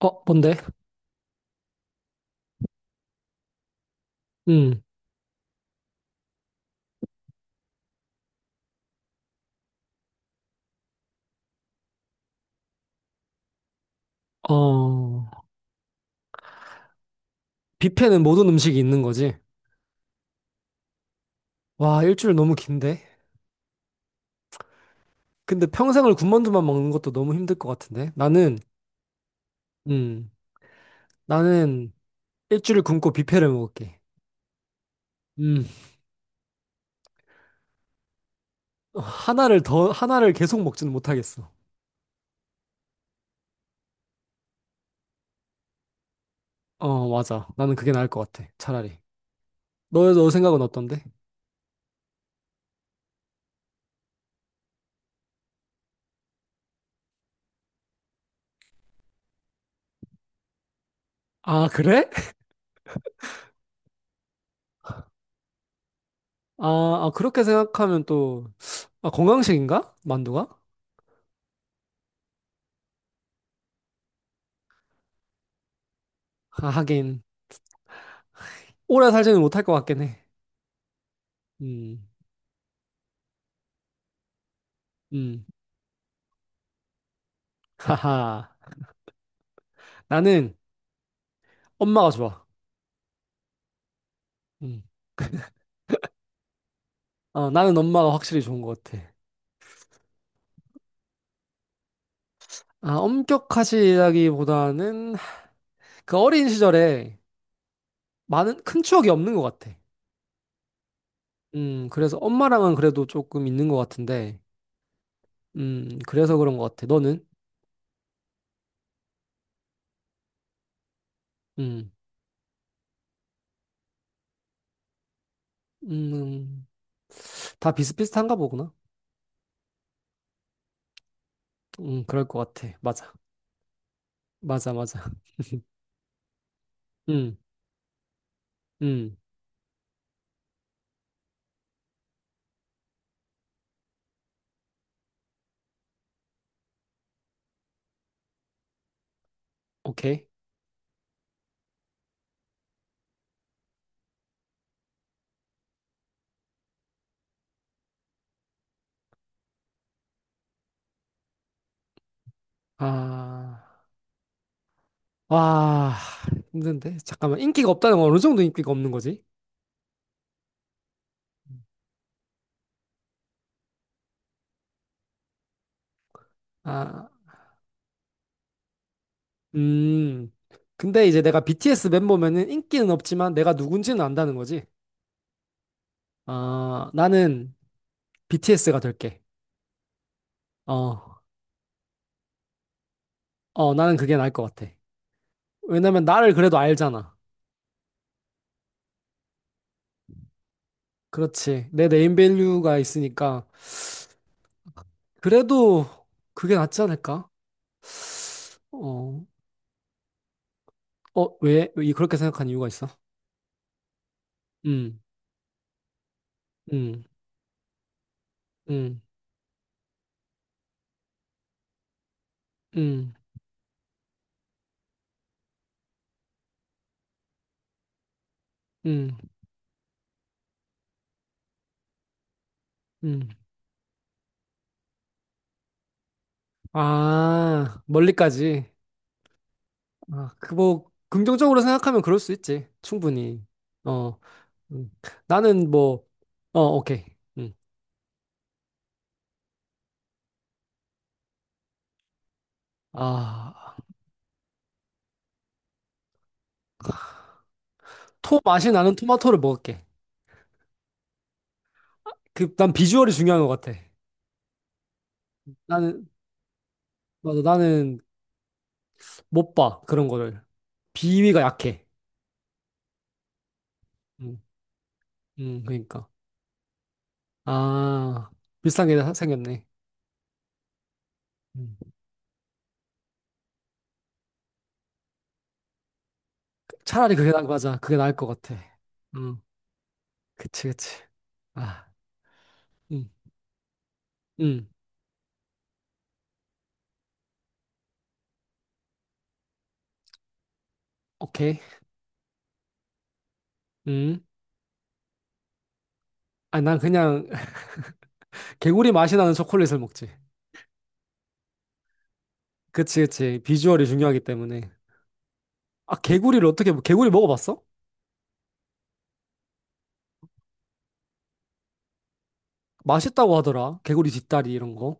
어, 뭔데? 음. 어, 뷔페는 모든 음식이 있는 거지. 와, 일주일 너무 긴데? 근데 평생을 군만두만 먹는 것도 너무 힘들 것 같은데? 나는, 음, 나는 일주일 굶고 뷔페를 먹을게. 음, 어, 하나를 계속 먹지는 못하겠어. 어, 맞아. 나는 그게 나을 것 같아. 차라리. 너 생각은 어떤데? 아, 그래? 아, 아, 그렇게 생각하면 또, 아, 건강식인가? 만두가? 아, 하긴. 오래 살지는 못할 것 같긴 해. 음, 음. 하하. 나는 엄마가 좋아. 음. 어, 나는 엄마가 확실히 좋은 것 같아. 아, 엄격하시다기보다는 그 어린 시절에 많은 큰 추억이 없는 것 같아. 그래서 엄마랑은 그래도 조금 있는 것 같은데, 그래서 그런 것 같아. 너는? 음, 음, 다 비슷비슷한가 보구나. 그럴 것 같아. 맞아. 맞아, 맞아. 음, 음, 오케이. 아, 와, 힘든데? 잠깐만. 인기가 없다는 건 어느 정도 인기가 없는 거지? 아, 음. 근데 이제 내가 BTS 멤버면은 인기는 없지만 내가 누군지는 안다는 거지. 아, 나는 BTS가 될게. 어, 어, 나는 그게 나을 것 같아. 왜냐면 나를 그래도 알잖아. 그렇지. 내 네임밸류가 있으니까. 그래도 그게 낫지 않을까? 어, 어, 왜? 그렇게 생각한 이유가 있어? 음, 음, 음, 음, 음, 음. 아, 멀리까지. 아, 그 뭐, 긍정적으로 생각하면 그럴 수 있지. 충분히. 어, 음. 나는 뭐, 어, 오케이. 음. 아, 토 맛이 나는 토마토를 먹을게. 그, 난 비주얼이 중요한 것 같아. 나는, 맞아, 나는 못 봐. 그런 거를. 비위가 약해. 음, 그러니까. 아, 비싼 게 생겼네. 음. 차라리 맞아. 그게 나을 것 같아. 음, 그치, 그치. 아, 음, 음, 오케이. 음. 아, 난 그냥 개구리 맛이 나는 초콜릿을 먹지. 그치, 그치. 비주얼이 중요하기 때문에. 아, 개구리 먹어봤어? 맛있다고 하더라. 개구리 뒷다리 이런 거.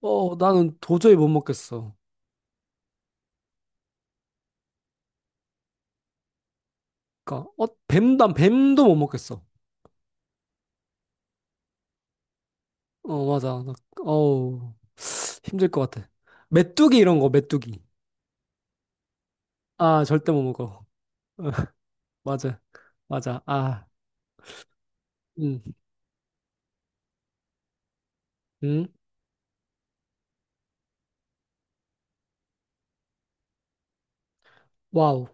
어, 나는 도저히 못 먹겠어. 그니까, 어, 난 뱀도 못 먹겠어. 어, 맞아. 나, 어우, 힘들 것 같아. 메뚜기 이런 거, 메뚜기. 아, 절대 못 먹어. 맞아. 맞아. 아, 음, 음. 와우.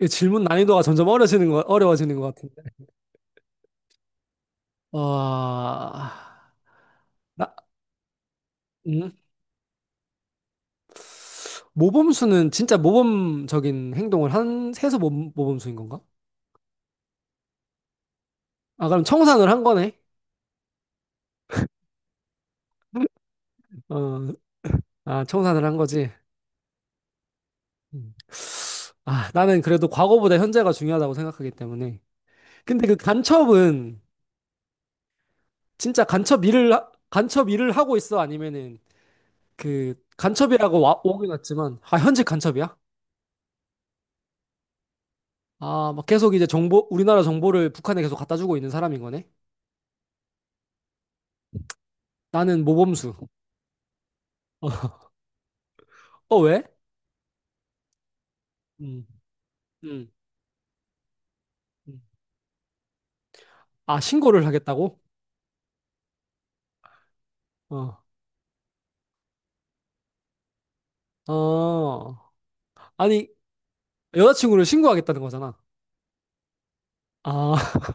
이 질문 난이도가 점점 어려워지는 것 같은데. 와, 나, 음, 모범수는 진짜 모범적인 행동을 해서 모범수인 건가? 아, 그럼 청산을 한 거네. 어, 아, 청산을 한 거지. 음. 아, 나는 그래도 과거보다 현재가 중요하다고 생각하기 때문에. 근데 그 간첩은 진짜 간첩 일을 하고 있어? 아니면은 그 간첩이라고 오긴 왔지만, 아, 현직 간첩이야? 아, 막 계속 이제 우리나라 정보를 북한에 계속 갖다 주고 있는 사람인 거네? 나는 모범수. 어, 왜? 음, 음. 음. 아, 신고를 하겠다고? 어. 어. 아니, 여자친구를 신고하겠다는 거잖아. 아,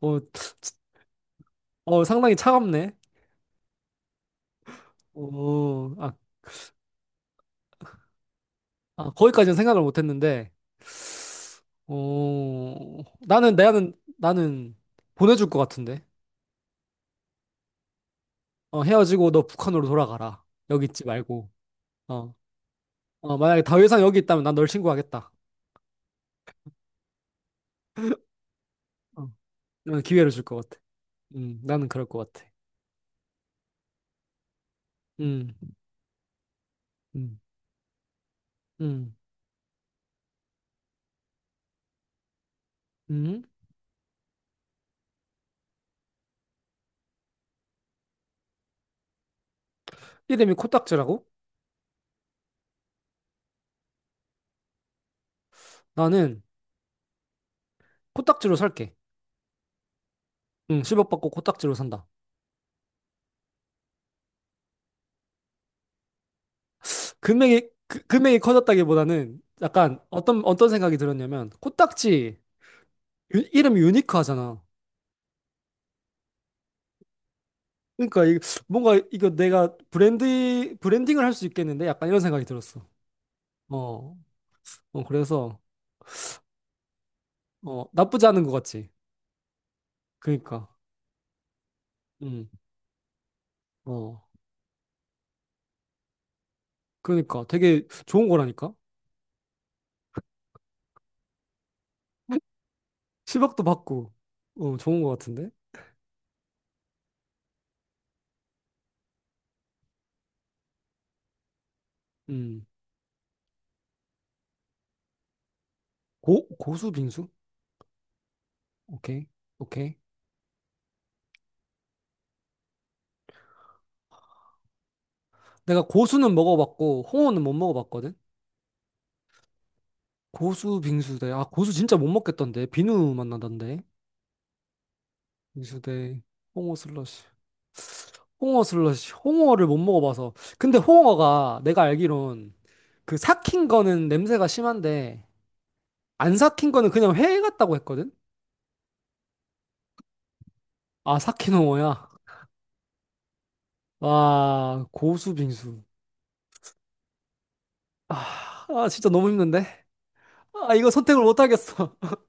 어, 어, 상당히 차갑네. 어, 아, 아, 거기까지는 생각을 못 했는데, 어, 나는 보내줄 것 같은데. 어, 헤어지고 너 북한으로 돌아가라. 여기 있지 말고. 어, 어, 만약에 다회상 여기 있다면 난 널 신고하겠다. 어, 나는 기회를 줄 것 같아. 나는 그럴 것 같아. 음, 음, 음, 음. 이름이 코딱지라고? 나는 코딱지로 살게. 응, 1억 받고 코딱지로 산다. 금액이 커졌다기보다는 약간 어떤 생각이 들었냐면, 코딱지, 이름이 유니크하잖아. 그러니까 이, 뭔가 이거 내가 브랜딩을 할 수 있겠는데? 약간 이런 생각이 들었어. 어, 어, 그래서, 어, 나쁘지 않은 것 같지. 그니까, 응, 어, 그니까 되게 좋은 거라니까? 실0억도 받고, 어, 좋은 것 같은데? 음, 고수 빙수? 오케이, 오케이. 내가 고수는 먹어봤고 홍어는 못 먹어봤거든. 고수 빙수대. 아 고수 진짜 못 먹겠던데. 비누 맛 나던데. 빙수대. 홍어 슬러시. 홍어 슬러시. 홍어를 못 먹어봐서. 근데 홍어가 내가 알기론 그 삭힌 거는 냄새가 심한데 안 삭힌 거는 그냥 회 같다고 했거든. 아 삭힌 홍어야. 와 고수 빙수. 아 진짜 너무 힘든데. 아 이거 선택을 못 하겠어.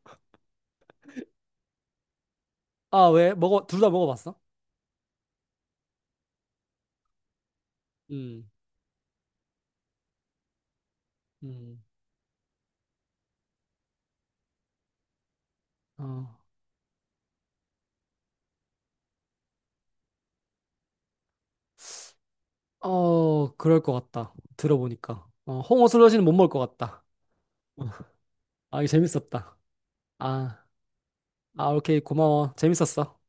아 왜? 먹어 둘 다 먹어봤어? 음. 음. 어. 어, 그럴 것 같다. 들어보니까. 어, 홍어 슬러시는 못 먹을 것 같다. 어, 아, 이거 재밌었다. 아, 아, 오케이. 고마워. 재밌었어.